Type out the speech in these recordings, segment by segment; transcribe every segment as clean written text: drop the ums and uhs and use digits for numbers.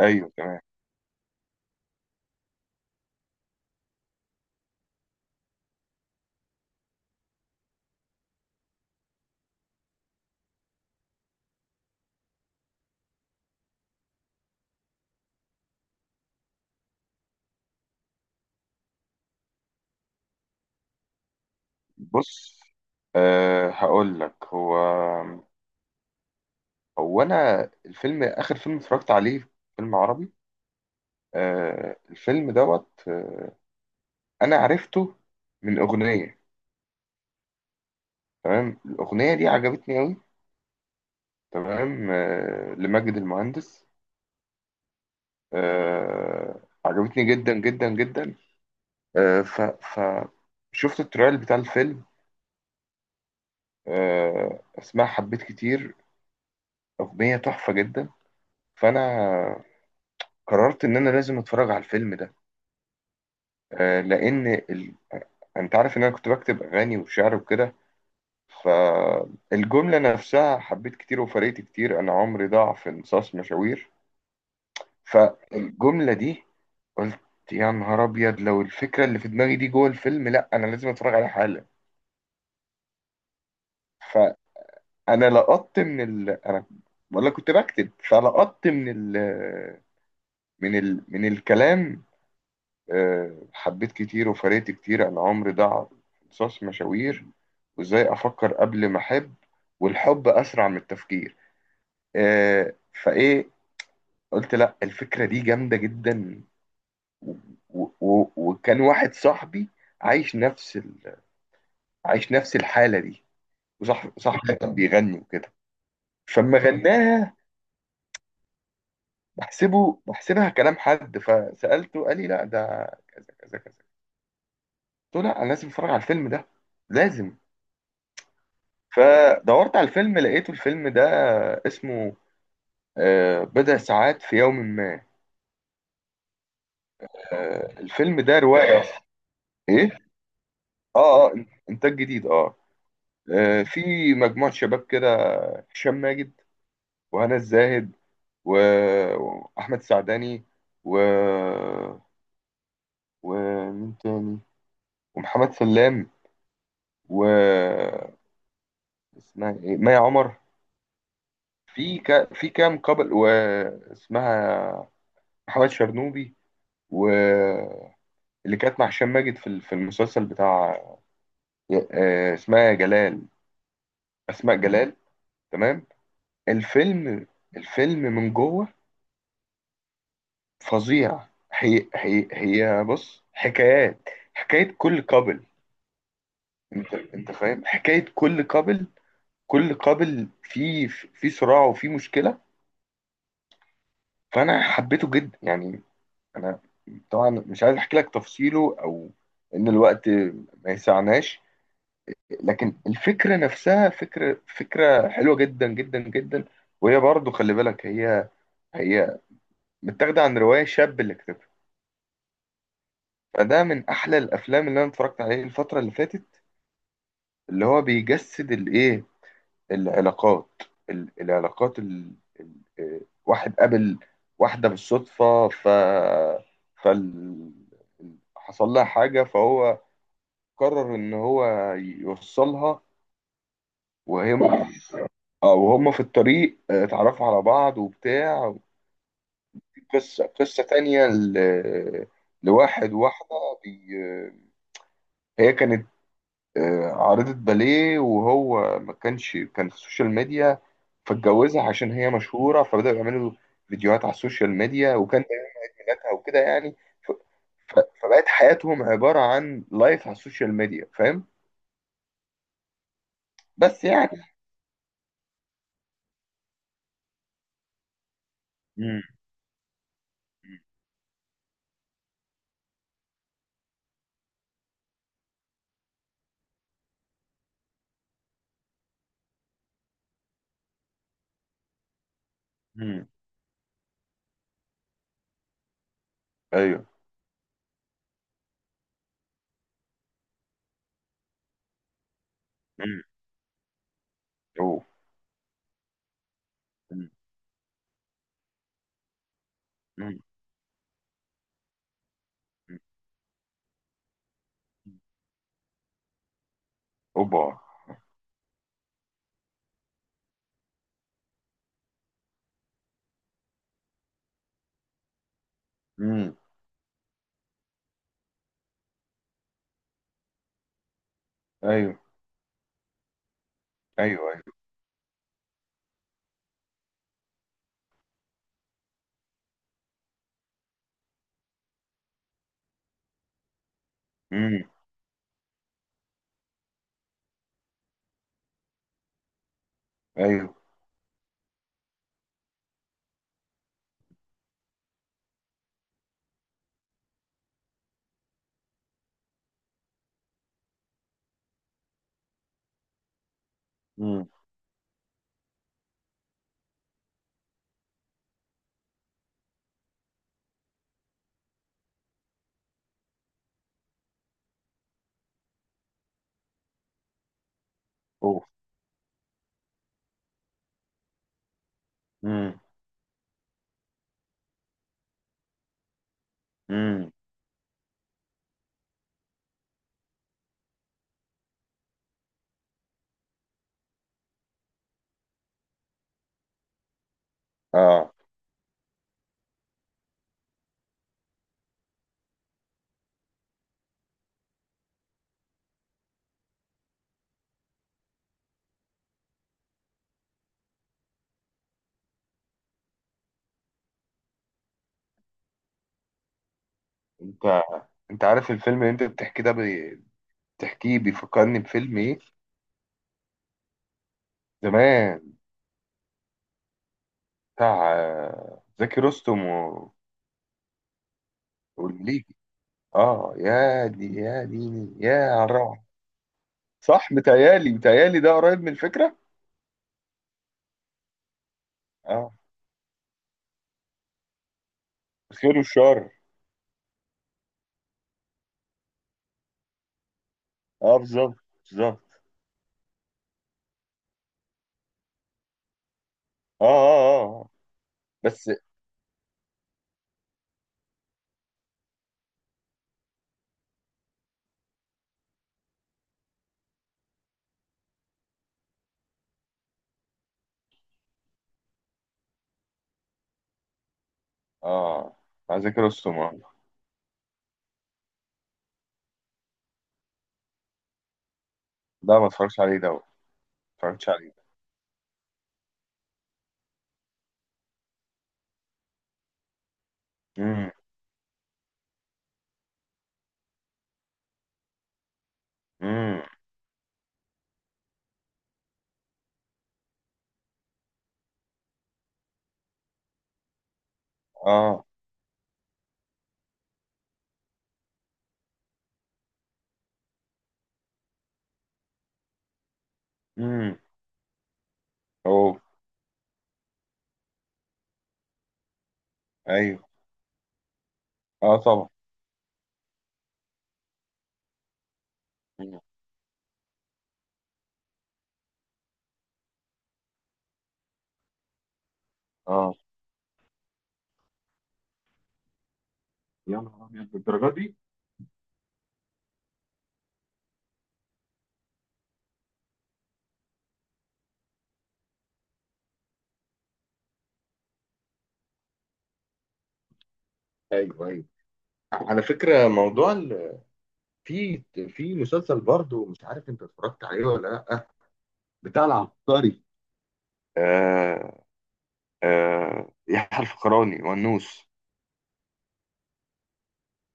ايوه، تمام. بص. هقول لك. هو انا، اخر فيلم اتفرجت عليه فيلم عربي. الفيلم دوت، انا عرفته من اغنيه. تمام، الاغنيه دي عجبتني قوي. تمام، لماجد المهندس. عجبتني جدا جدا جدا. أه ف ف شفت التريل بتاع الفيلم. اسمها حبيت كتير، اغنيه تحفه جدا. فانا قررت ان انا لازم اتفرج على الفيلم ده. آه، لان ال... انت عارف ان انا كنت بكتب اغاني وشعر وكده. فالجمله نفسها: حبيت كتير وفرقت كتير، انا عمري ضاع في انصاص مشاوير. فالجمله دي قلت: يا نهار ابيض، لو الفكره اللي في دماغي دي جوه الفيلم، لا انا لازم اتفرج عليها حالا. فانا لقطت من ال... انا ولا كنت بكتب، فلقطت من ال... من ال... من الكلام. حبيت كتير وفرقت كتير، أنا عمري ضاع في قصص مشاوير، وإزاي أفكر قبل ما أحب، والحب أسرع من التفكير. آه، فإيه، قلت لأ، الفكرة دي جامدة جدا. و- وكان واحد صاحبي عايش نفس ال... عايش نفس الحالة دي. وصاحبي كان بيغني وكده. فلما غناها، بحسبها كلام حد، فسألته، قال لي: لا، ده كذا كذا كذا. قلت له: لا، أنا لازم أتفرج على الفيلم ده، لازم. فدورت على الفيلم، لقيته الفيلم ده اسمه بضع ساعات في يوم ما. الفيلم ده رواية. ايه، اه اه، انتاج جديد اه. في مجموعة شباب كده: هشام ماجد، وهنا الزاهد، و- واحمد السعداني، و ومين تاني؟ ومحمد سلام، و اسمها ايه، مي عمر. في كام قبل، واسمها محمد شرنوبي. و اللي كانت مع هشام ماجد في المسلسل بتاع آه، اسمها جلال اسماء جلال. تمام. الفيلم الفيلم من جوه فظيع. هي بص، حكايات، حكاية كل قبل. انت فاهم حكاية كل قبل؟ كل قبل في صراع وفي مشكلة. فانا حبيته جدا يعني. انا طبعا مش عايز احكي لك تفصيله، او ان الوقت ما يسعناش، لكن الفكرة نفسها، فكرة حلوة جدا جدا جدا. وهي برضو، خلي بالك، هي متاخدة عن رواية شاب اللي كتبها. فده من أحلى الأفلام اللي أنا اتفرجت عليه الفترة اللي فاتت، اللي هو بيجسد الإيه، العلاقات. ال- العلاقات ال... ال... واحد قابل واحدة بالصدفة، فال... حصل لها حاجة فهو قرر إن هو يوصلها. وهي، اه، وهم في الطريق اتعرفوا على بعض وبتاع. قصة تانية لواحد واحدة. بي... هي كانت عارضة باليه، وهو ما كانش، كان في السوشيال ميديا، فاتجوزها عشان هي مشهورة، فبدأوا يعملوا فيديوهات على السوشيال ميديا، وكان ده حاجاتها وكده يعني. ف... ف... فبقت حياتهم عبارة عن لايف على السوشيال ميديا، فاهم؟ بس يعني. مم. مم. ايوه. مم. اوه. مم. مم. مم. اوبا. امم. ايوه، ايوه، ايوه. امم. ايوه. امم. اوف. امم. امم. اه. انت انت عارف الفيلم اللي انت بتحكي ده، بتحكيه بيفكرني بفيلم ايه زمان، بتاع زكي رستم والليجي. اه، يا دي يا ديني، يا على الروعه. صح، متهيألي ده قريب من الفكره. اه، الخير والشر. اه، بالظبط، بالظبط. اه، اه، اه، آه. بس. اه، مع زكي رستم اه. لا، ما اتفرجتش عليه ده، ما اتفرجتش عليه. امم. اه. امم. اوه. ايوه. اه، طبعا. مم. اه. يا نهار ابيض، بالدرجه دي. ايوه، ايوه. على فكره، موضوع في في مسلسل برضه مش عارف انت اتفرجت عليه ولا لا، بتاع العبقري. آه يحيى الفخراني والنوس.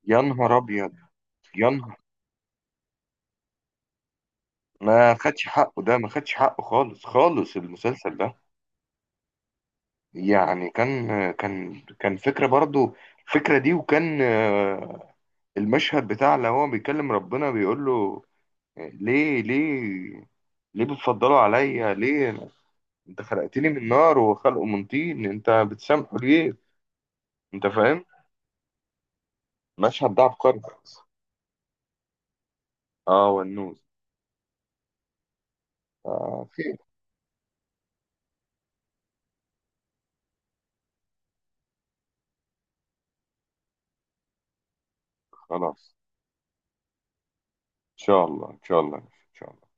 يا نهار ابيض، يا نهار. ما خدش حقه، ده ما خدش حقه خالص، خالص المسلسل ده. يعني كان فكره برضه الفكره دي. وكان المشهد بتاع لو هو بيكلم ربنا بيقول له: ليه، ليه، ليه بتفضلوا عليا؟ انت خلقتني من نار وخلقه من طين، انت بتسامحه ليه؟ انت فاهم؟ المشهد ده عبقري. اه، والنوز. آه، خير. خلاص، ان شاء الله، ان شاء الله، ان شاء الله.